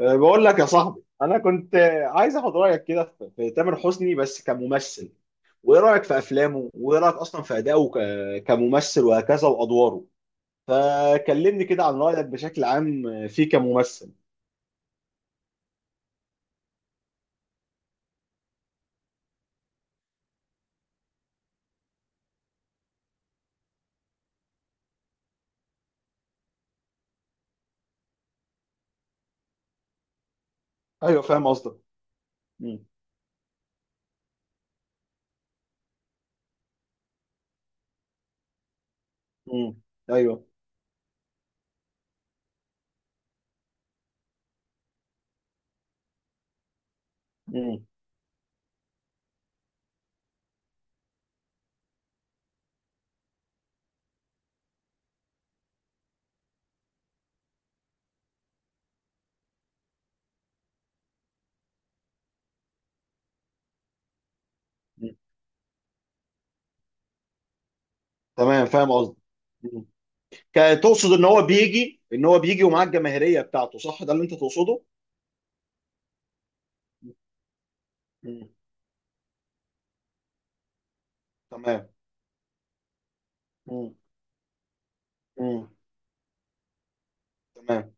بقول لك يا صاحبي انا كنت عايز اخد رايك كده في تامر حسني بس كممثل، وايه رايك في افلامه، وايه رايك اصلا في ادائه كممثل وهكذا وادواره. فكلمني كده عن رايك بشكل عام فيه كممثل. ايوه، فاهم قصدك. مم. مم. ايوه. مم. مم. تمام، فاهم قصدك. مم. تقصد ان هو بيجي ومعاه الجماهيريه بتاعته، صح؟ ده اللي انت تقصده. مم. تمام. مم. مم. تمام.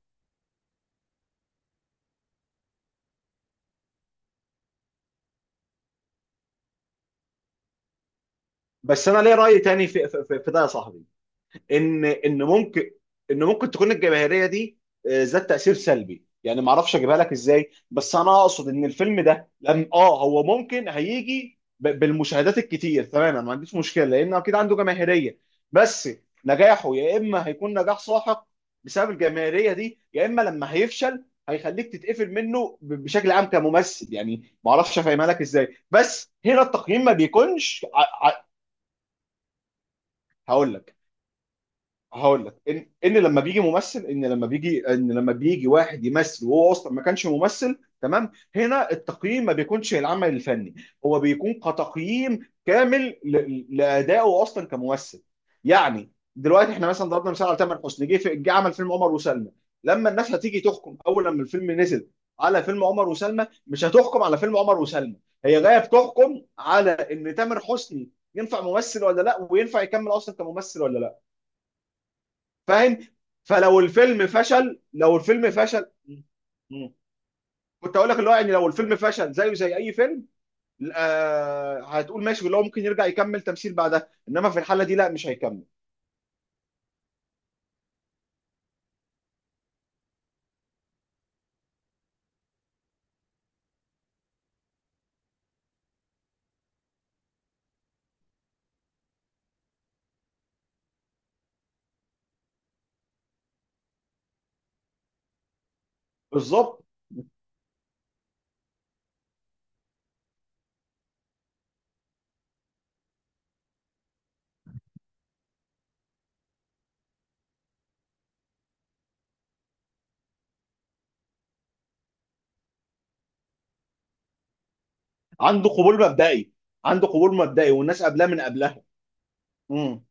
بس انا ليه راي تاني في ده يا صاحبي. ان ان ممكن ان ممكن تكون الجماهيريه دي ذات تاثير سلبي، يعني ما اعرفش اجيبها لك ازاي، بس انا اقصد ان الفيلم ده لم هو ممكن هيجي بالمشاهدات الكتير، تمام، أنا ما عنديش مشكله لان اكيد عنده جماهيريه. بس نجاحه يا اما هيكون نجاح ساحق بسبب الجماهيريه دي، يا اما لما هيفشل هيخليك تتقفل منه بشكل عام كممثل. يعني ما اعرفش افهمها لك ازاي، بس هنا التقييم ما بيكونش هقول لك هقول لك ان ان لما بيجي ممثل ان لما بيجي ان لما بيجي واحد يمثل وهو اصلا ما كانش ممثل، تمام، هنا التقييم ما بيكونش العمل الفني. هو بيكون كتقييم كامل لادائه اصلا كممثل. يعني دلوقتي احنا مثلا ضربنا مثال على تامر حسني، جه عمل فيلم عمر وسلمى. لما الناس هتيجي تحكم اول لما الفيلم نزل على فيلم عمر وسلمى، مش هتحكم على فيلم عمر وسلمى. هي جايه بتحكم على ان تامر حسني ينفع ممثل ولا لا، وينفع يكمل اصلا كممثل ولا لا. فاهم. فلو الفيلم فشل، لو الفيلم فشل. مم. كنت اقول لك اللي هو يعني لو الفيلم فشل زيه زي اي فيلم، هتقول ماشي، اللي هو ممكن يرجع يكمل تمثيل بعدها، انما في الحاله دي لا، مش هيكمل. بالظبط. عنده قبول مبدئي. عنده قبول مبدئي والناس قبلها من قبلها. مم.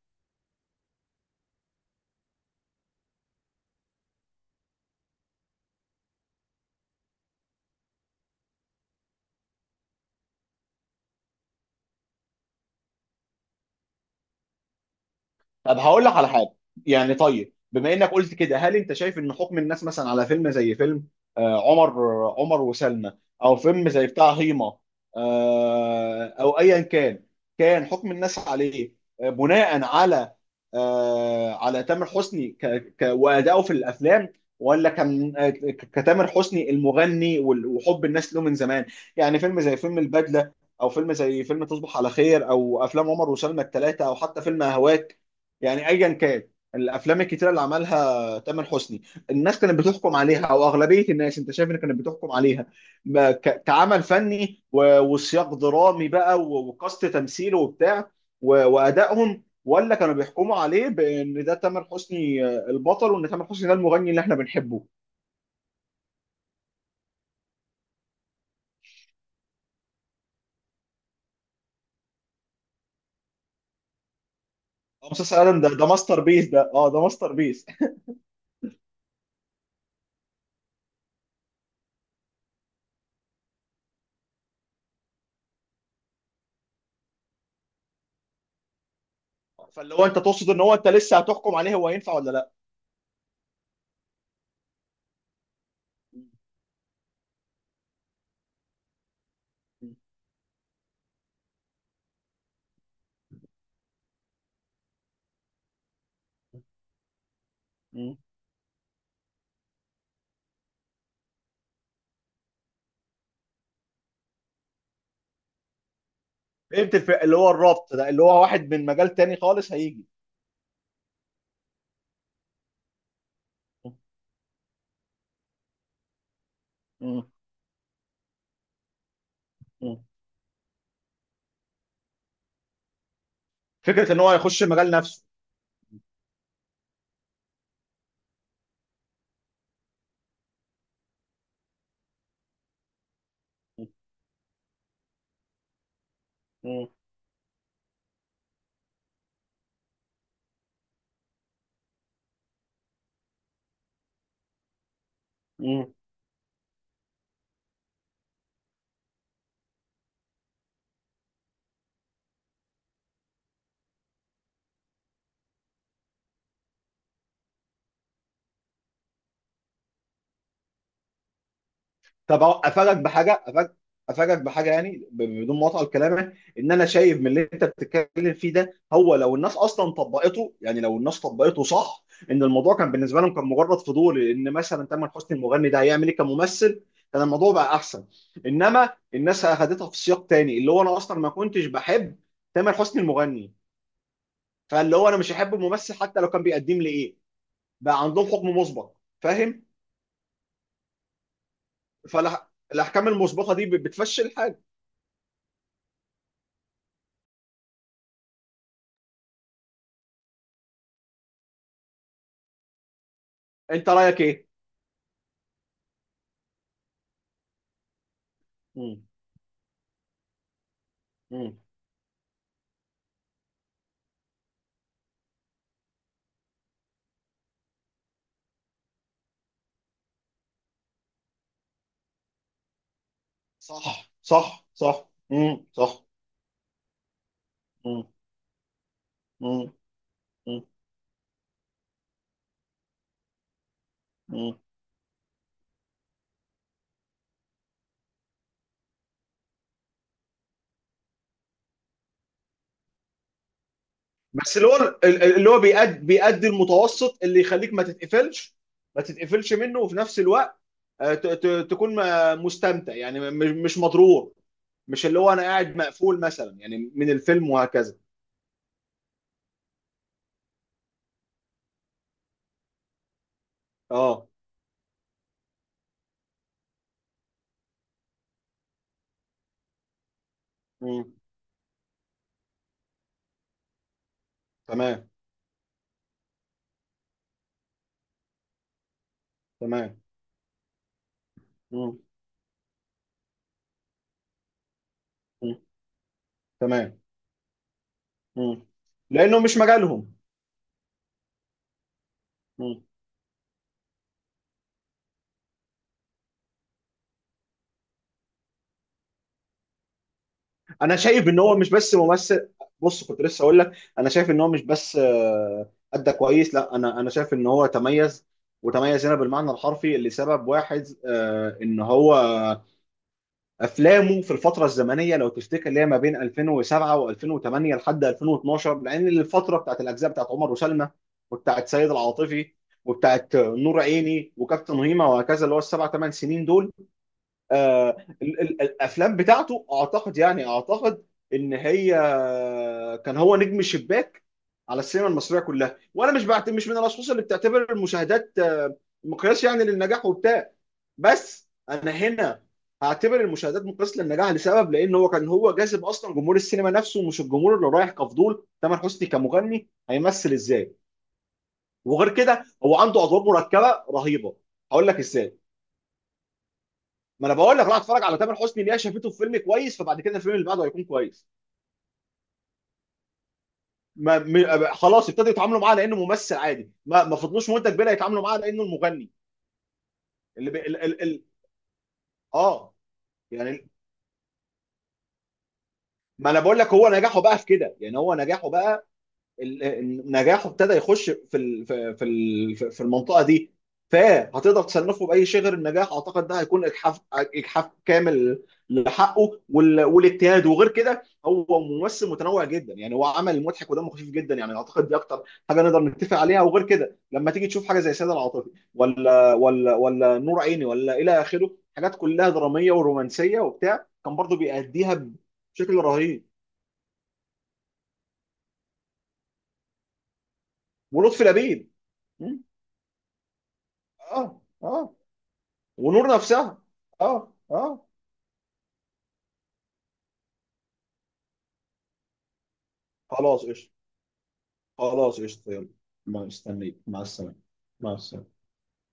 طب هقول لك على حاجه. يعني طيب، بما انك قلت كده، هل انت شايف ان حكم الناس مثلا على فيلم زي فيلم آه، عمر عمر وسلمى، او فيلم زي بتاع هيما، او ايا كان، كان حكم الناس عليه بناء على على تامر حسني ك ك وادائه في الافلام، ولا كان كتامر حسني المغني وحب الناس له من زمان؟ يعني فيلم زي فيلم البدله، او فيلم زي فيلم تصبح على خير، او افلام عمر وسلمى الثلاثه، او حتى فيلم اهواك، يعني ايا كان الافلام الكتيره اللي عملها تامر حسني، الناس كانت بتحكم عليها، او اغلبيه الناس انت شايف ان كانت بتحكم عليها كعمل فني وسياق درامي بقى وقصد تمثيله وبتاع وادائهم، ولا كانوا بيحكموا عليه بان ده تامر حسني البطل، وان تامر حسني ده المغني اللي احنا بنحبه؟ مسلسل ادم، ده ماستر بيس، ده ده ماستر بيس. فاللي هو انت تقصد ان هو انت لسه هتحكم عليه هو ينفع ولا لا؟ فهمت اللي هو الربط ده اللي هو واحد من مجال تاني خالص هيجي. مم. مم. فكره ان هو هيخش مجال نفسه. مم. مم. طب افاجئك بحاجه، يعني بدون مقاطعه لكلامك، ان انا شايف من اللي انت بتتكلم فيه ده، هو لو الناس اصلا طبقته، يعني لو الناس طبقته صح، ان الموضوع كان بالنسبه لهم كان مجرد فضول ان مثلا تامر حسني المغني ده هيعمل ايه كممثل، كان الموضوع بقى احسن. انما الناس اخذتها في سياق تاني، اللي هو انا اصلا ما كنتش بحب تامر حسني المغني، فاللي هو انا مش هحب الممثل حتى لو كان بيقدم لي ايه. بقى عندهم حكم مسبق، فاهم؟ فالاحكام المسبقه دي بتفشل حاجه. انت رايك ايه؟ مم. مم. صح، صح، صح. مم. صح. مم. مم. مم. مم. بس اللي هو اللي هو بيأدي المتوسط، اللي يخليك ما تتقفلش منه، وفي نفس الوقت تكون مستمتع، يعني مش مضرور، مش اللي هو انا قاعد مقفول مثلا يعني من الفيلم وهكذا. اه. مم. تمام. تمام. مم. مم. تمام. مم. لانه مش مجالهم. مم. انا شايف ان هو مش بس ممثل. بص كنت لسه اقول لك، انا شايف ان هو مش بس ادى كويس، لا، انا شايف ان هو تميز. وتميز هنا بالمعنى الحرفي لسبب واحد، ان هو افلامه في الفتره الزمنيه لو تفتكر، اللي هي ما بين 2007 و2008 لحد 2012، لان الفتره بتاعت الاجزاء بتاعت عمر وسلمى، وبتاعت سيد العاطفي، وبتاعت نور عيني وكابتن هيما وهكذا، اللي هو السبع ثمان سنين دول، آه، الافلام بتاعته اعتقد، يعني اعتقد ان هي كان هو نجم الشباك على السينما المصريه كلها. وانا مش من الاشخاص اللي بتعتبر المشاهدات مقياس يعني للنجاح وبتاع، بس انا هنا هعتبر المشاهدات مقياس للنجاح لسبب، لان هو كان هو جاذب اصلا جمهور السينما نفسه، مش الجمهور اللي رايح كفضول تامر حسني كمغني هيمثل ازاي. وغير كده هو عنده ادوار مركبه رهيبه. هقول لك ازاي. ما انا بقول لك روح اتفرج على تامر حسني ليه، شافته في فيلم كويس فبعد كده الفيلم اللي بعده هيكون كويس. ما م... خلاص، ابتدوا يتعاملوا معاه لانه ممثل عادي، ما فضلوش مده كبيره يتعاملوا معاه لانه المغني. اللي ب... ال... ال... ال... اه يعني ما انا بقول لك هو نجاحه بقى في كده، يعني هو نجاحه بقى نجاحه ابتدى يخش في المنطقه دي. فهتقدر تصنفه باي شيء غير النجاح؟ اعتقد ده هيكون اجحاف كامل لحقه والاجتهاد. وغير كده هو ممثل متنوع جدا، يعني هو عمل مضحك ودمه خفيف جدا، يعني اعتقد دي اكتر حاجه نقدر نتفق عليها. وغير كده لما تيجي تشوف حاجه زي سيد العاطفي ولا نور عيني ولا الى اخره، حاجات كلها دراميه ورومانسيه وبتاع، كان برضو بيأديها بشكل رهيب. ولطفي لبيب. م? اه، اه. ونور نفسها. اه، اه. خلاص قشطة، خلاص قشطة، يلا. مستنيك. مع السلامة. مع السلامة.